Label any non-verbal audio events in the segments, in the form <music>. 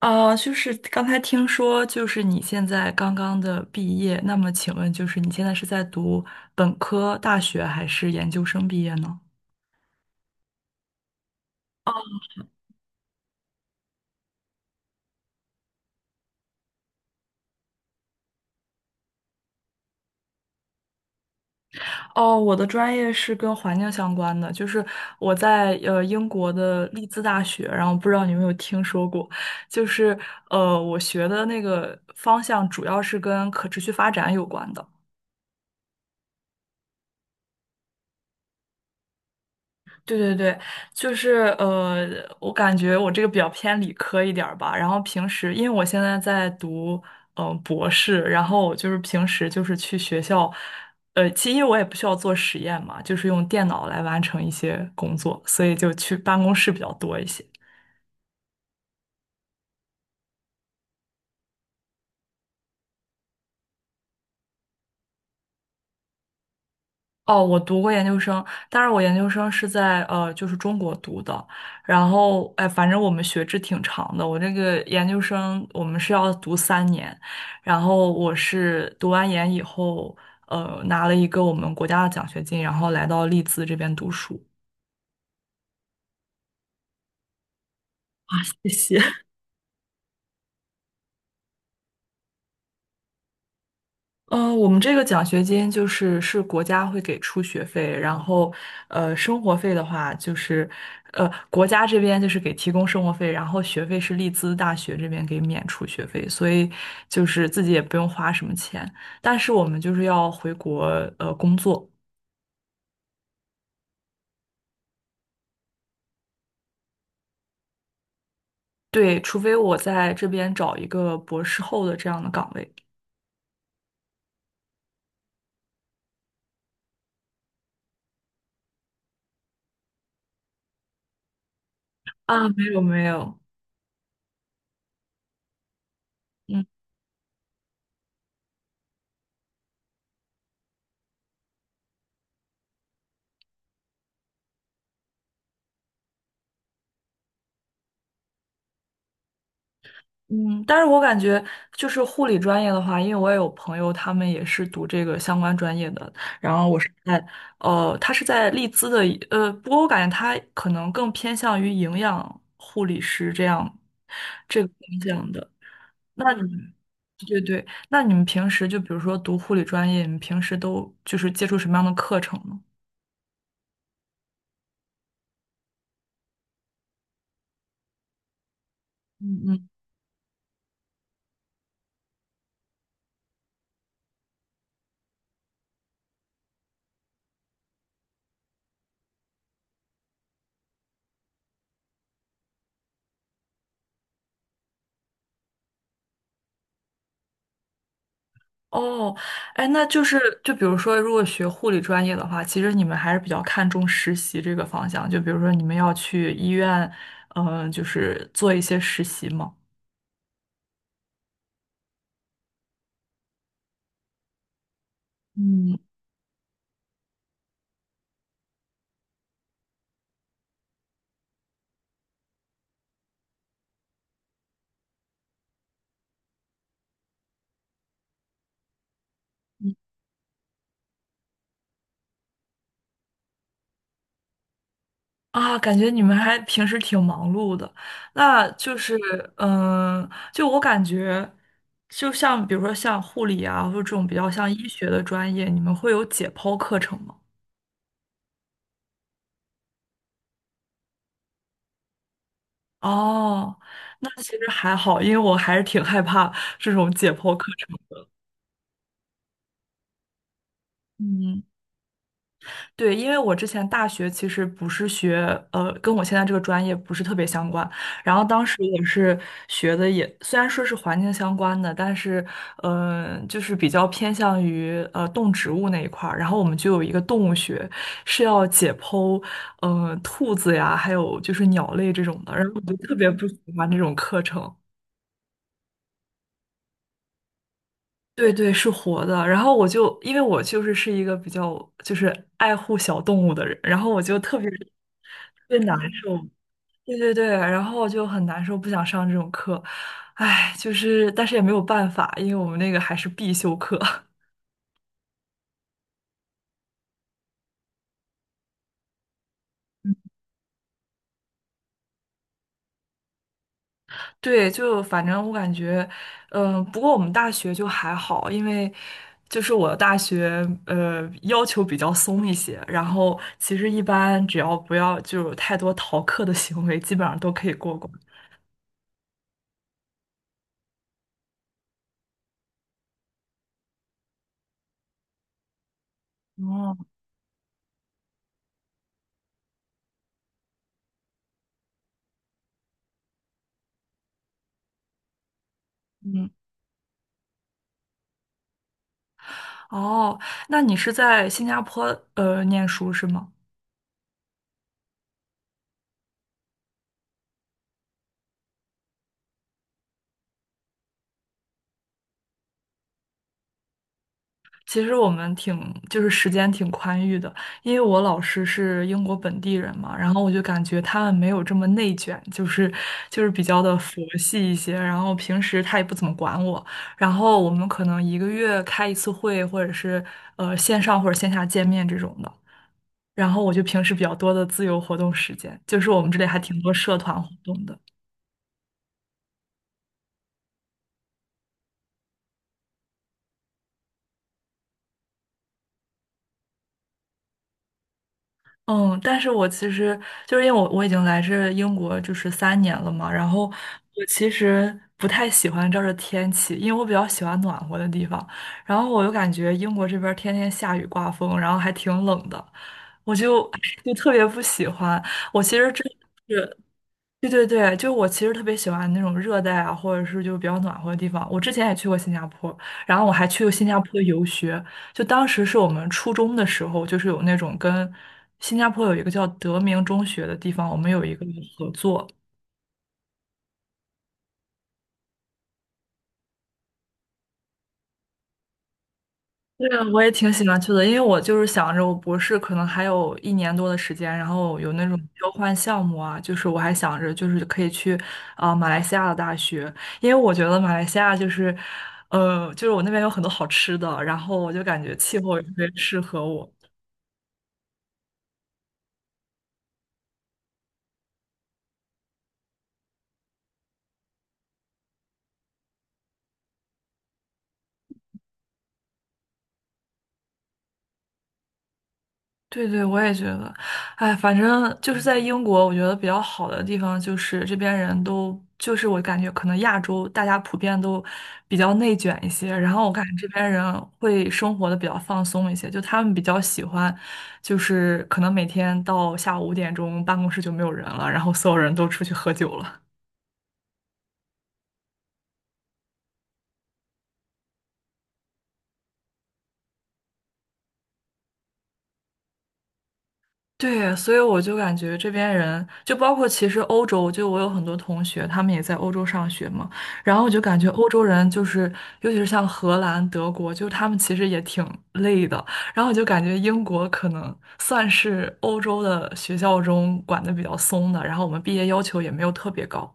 啊，就是刚才听说，就是你现在刚刚的毕业，那么请问，就是你现在是在读本科大学还是研究生毕业呢？哦，我的专业是跟环境相关的，就是我在英国的利兹大学，然后不知道你有没有听说过，就是我学的那个方向主要是跟可持续发展有关的。对对对，就是我感觉我这个比较偏理科一点儿吧。然后平时，因为我现在在读博士，然后我就是平时就是去学校，其实因为我也不需要做实验嘛，就是用电脑来完成一些工作，所以就去办公室比较多一些。哦，我读过研究生，但是我研究生是在就是中国读的。然后，哎，反正我们学制挺长的。我这个研究生我们是要读三年，然后我是读完研以后，拿了一个我们国家的奖学金，然后来到利兹这边读书。哇，谢谢。我们这个奖学金就是是国家会给出学费，然后，生活费的话就是，国家这边就是给提供生活费，然后学费是利兹大学这边给免除学费，所以就是自己也不用花什么钱。但是我们就是要回国工作，对，除非我在这边找一个博士后的这样的岗位。啊，没有没有，嗯。嗯，但是我感觉就是护理专业的话，因为我也有朋友，他们也是读这个相关专业的。然后我是在，他是在利兹的不过我感觉他可能更偏向于营养护理师这样这个方向的。那你们，对对，那你们平时就比如说读护理专业，你们平时都就是接触什么样的课程呢？嗯嗯。哦，哎，那就是就比如说，如果学护理专业的话，其实你们还是比较看重实习这个方向。就比如说，你们要去医院，就是做一些实习嘛。嗯。啊，感觉你们还平时挺忙碌的，那就是，嗯，就我感觉，就像比如说像护理啊，或者这种比较像医学的专业，你们会有解剖课程吗？哦，那其实还好，因为我还是挺害怕这种解剖课程的。嗯。对，因为我之前大学其实不是学，跟我现在这个专业不是特别相关。然后当时也是学的也，虽然说是环境相关的，但是，就是比较偏向于动植物那一块儿。然后我们就有一个动物学，是要解剖，兔子呀，还有就是鸟类这种的。然后我就特别不喜欢这种课程。对对，是活的。然后我就因为我就是一个比较就是爱护小动物的人，然后我就特别特别难受。对对对，然后就很难受，不想上这种课。唉，就是但是也没有办法，因为我们那个还是必修课。<laughs> 对，就反正我感觉，不过我们大学就还好，因为就是我的大学要求比较松一些，然后其实一般只要不要就有太多逃课的行为，基本上都可以过关。哦，嗯，哦，那你是在新加坡念书是吗？其实我们就是时间挺宽裕的，因为我老师是英国本地人嘛，然后我就感觉他们没有这么内卷，就是比较的佛系一些，然后平时他也不怎么管我，然后我们可能一个月开一次会，或者是线上或者线下见面这种的，然后我就平时比较多的自由活动时间，就是我们这里还挺多社团活动的。嗯，但是我其实就是因为我已经来这英国就是三年了嘛，然后我其实不太喜欢这儿的天气，因为我比较喜欢暖和的地方，然后我又感觉英国这边儿天天下雨刮风，然后还挺冷的，我就 <laughs> 就特别不喜欢。我其实真的是。对对对，就我其实特别喜欢那种热带啊，或者是就比较暖和的地方。我之前也去过新加坡，然后我还去过新加坡游学。就当时是我们初中的时候，就是有那种跟新加坡有一个叫德明中学的地方，我们有一个合作，对啊，我也挺喜欢去的，因为我就是想着我博士可能还有一年多的时间，然后有那种交换项目啊，就是我还想着就是可以去马来西亚的大学，因为我觉得马来西亚就是，就是我那边有很多好吃的，然后我就感觉气候也特别适合我。对对，我也觉得，哎，反正就是在英国，我觉得比较好的地方就是这边人都，就是我感觉可能亚洲大家普遍都比较内卷一些，然后我感觉这边人会生活的比较放松一些，就他们比较喜欢，就是可能每天到下午5点钟办公室就没有人了，然后所有人都出去喝酒了。对，所以我就感觉这边人，就包括其实欧洲，就我有很多同学，他们也在欧洲上学嘛，然后我就感觉欧洲人就是，尤其是像荷兰、德国，就他们其实也挺累的，然后我就感觉英国可能算是欧洲的学校中管的比较松的，然后我们毕业要求也没有特别高。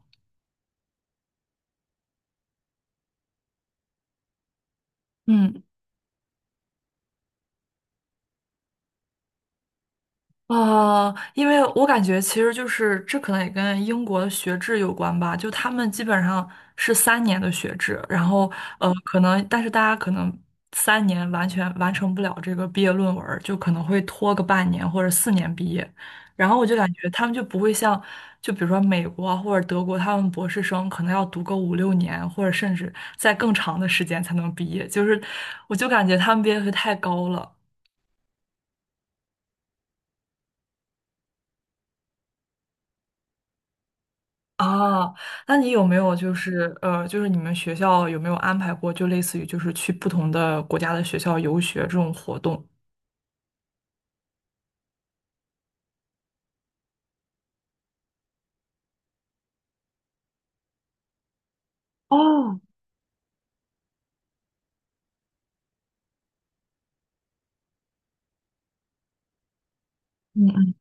嗯。啊，因为我感觉其实就是这可能也跟英国的学制有关吧，就他们基本上是三年的学制，然后可能但是大家可能三年完全完成不了这个毕业论文儿就可能会拖个半年或者四年毕业，然后我就感觉他们就不会像就比如说美国啊或者德国，他们博士生可能要读个5、6年或者甚至在更长的时间才能毕业，就是我就感觉他们毕业率太高了。哦，那你有没有就是就是你们学校有没有安排过，就类似于就是去不同的国家的学校游学这种活动？哦，嗯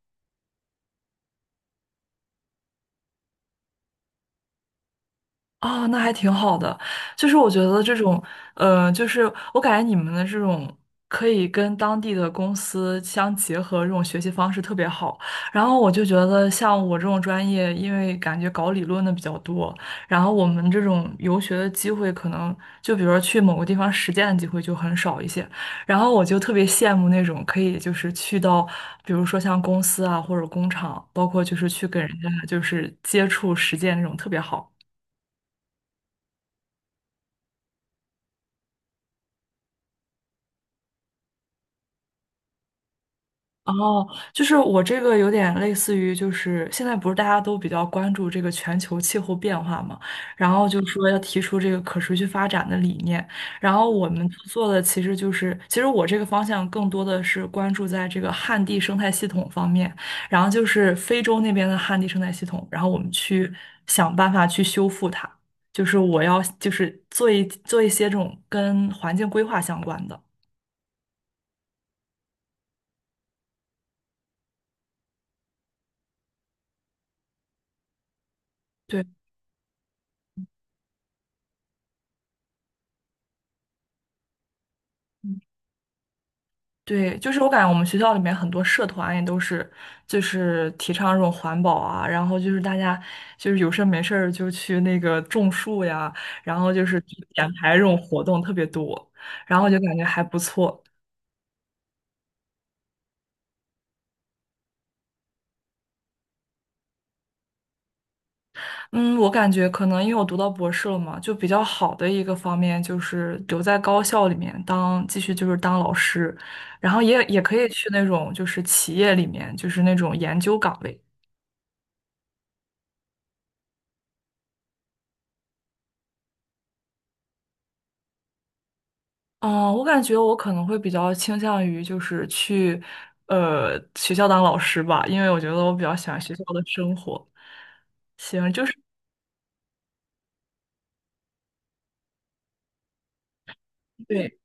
啊，那还挺好的。就是我觉得这种，就是我感觉你们的这种可以跟当地的公司相结合，这种学习方式特别好。然后我就觉得，像我这种专业，因为感觉搞理论的比较多，然后我们这种游学的机会，可能就比如说去某个地方实践的机会就很少一些。然后我就特别羡慕那种可以就是去到，比如说像公司啊或者工厂，包括就是去跟人家就是接触实践那种特别好。哦，就是我这个有点类似于，就是现在不是大家都比较关注这个全球气候变化嘛，然后就说要提出这个可持续发展的理念，然后我们做的其实就是，其实我这个方向更多的是关注在这个旱地生态系统方面，然后就是非洲那边的旱地生态系统，然后我们去想办法去修复它，就是我要就是做一些这种跟环境规划相关的，对。嗯对，就是我感觉我们学校里面很多社团也都是，就是提倡这种环保啊，然后就是大家就是有事儿没事儿就去那个种树呀，然后就是去捡排这种活动特别多，然后就感觉还不错。嗯，我感觉可能因为我读到博士了嘛，就比较好的一个方面就是留在高校里面当继续就是当老师，然后也可以去那种就是企业里面就是那种研究岗位。哦，我感觉我可能会比较倾向于就是去，学校当老师吧，因为我觉得我比较喜欢学校的生活。对，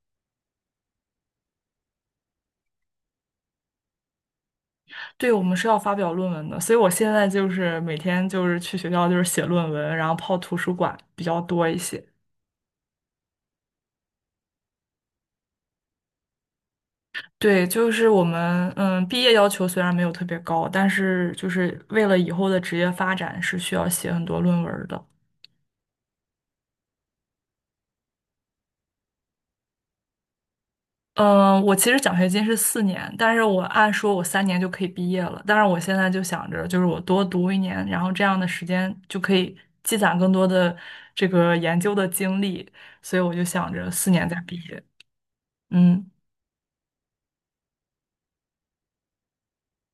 对，我们是要发表论文的，所以我现在就是每天就是去学校就是写论文，然后泡图书馆比较多一些。对，就是我们毕业要求虽然没有特别高，但是就是为了以后的职业发展是需要写很多论文的。嗯，我其实奖学金是四年，但是我按说我三年就可以毕业了。但是我现在就想着，就是我多读一年，然后这样的时间就可以积攒更多的这个研究的经历，所以我就想着四年再毕业。嗯，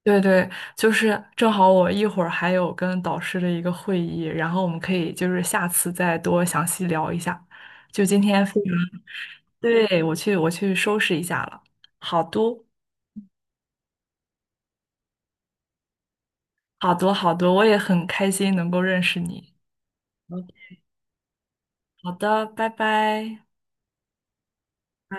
对对，就是正好我一会儿还有跟导师的一个会议，然后我们可以就是下次再多详细聊一下。就今天非常，对，我去收拾一下了。好多好多好多，我也很开心能够认识你。好的，拜拜。拜。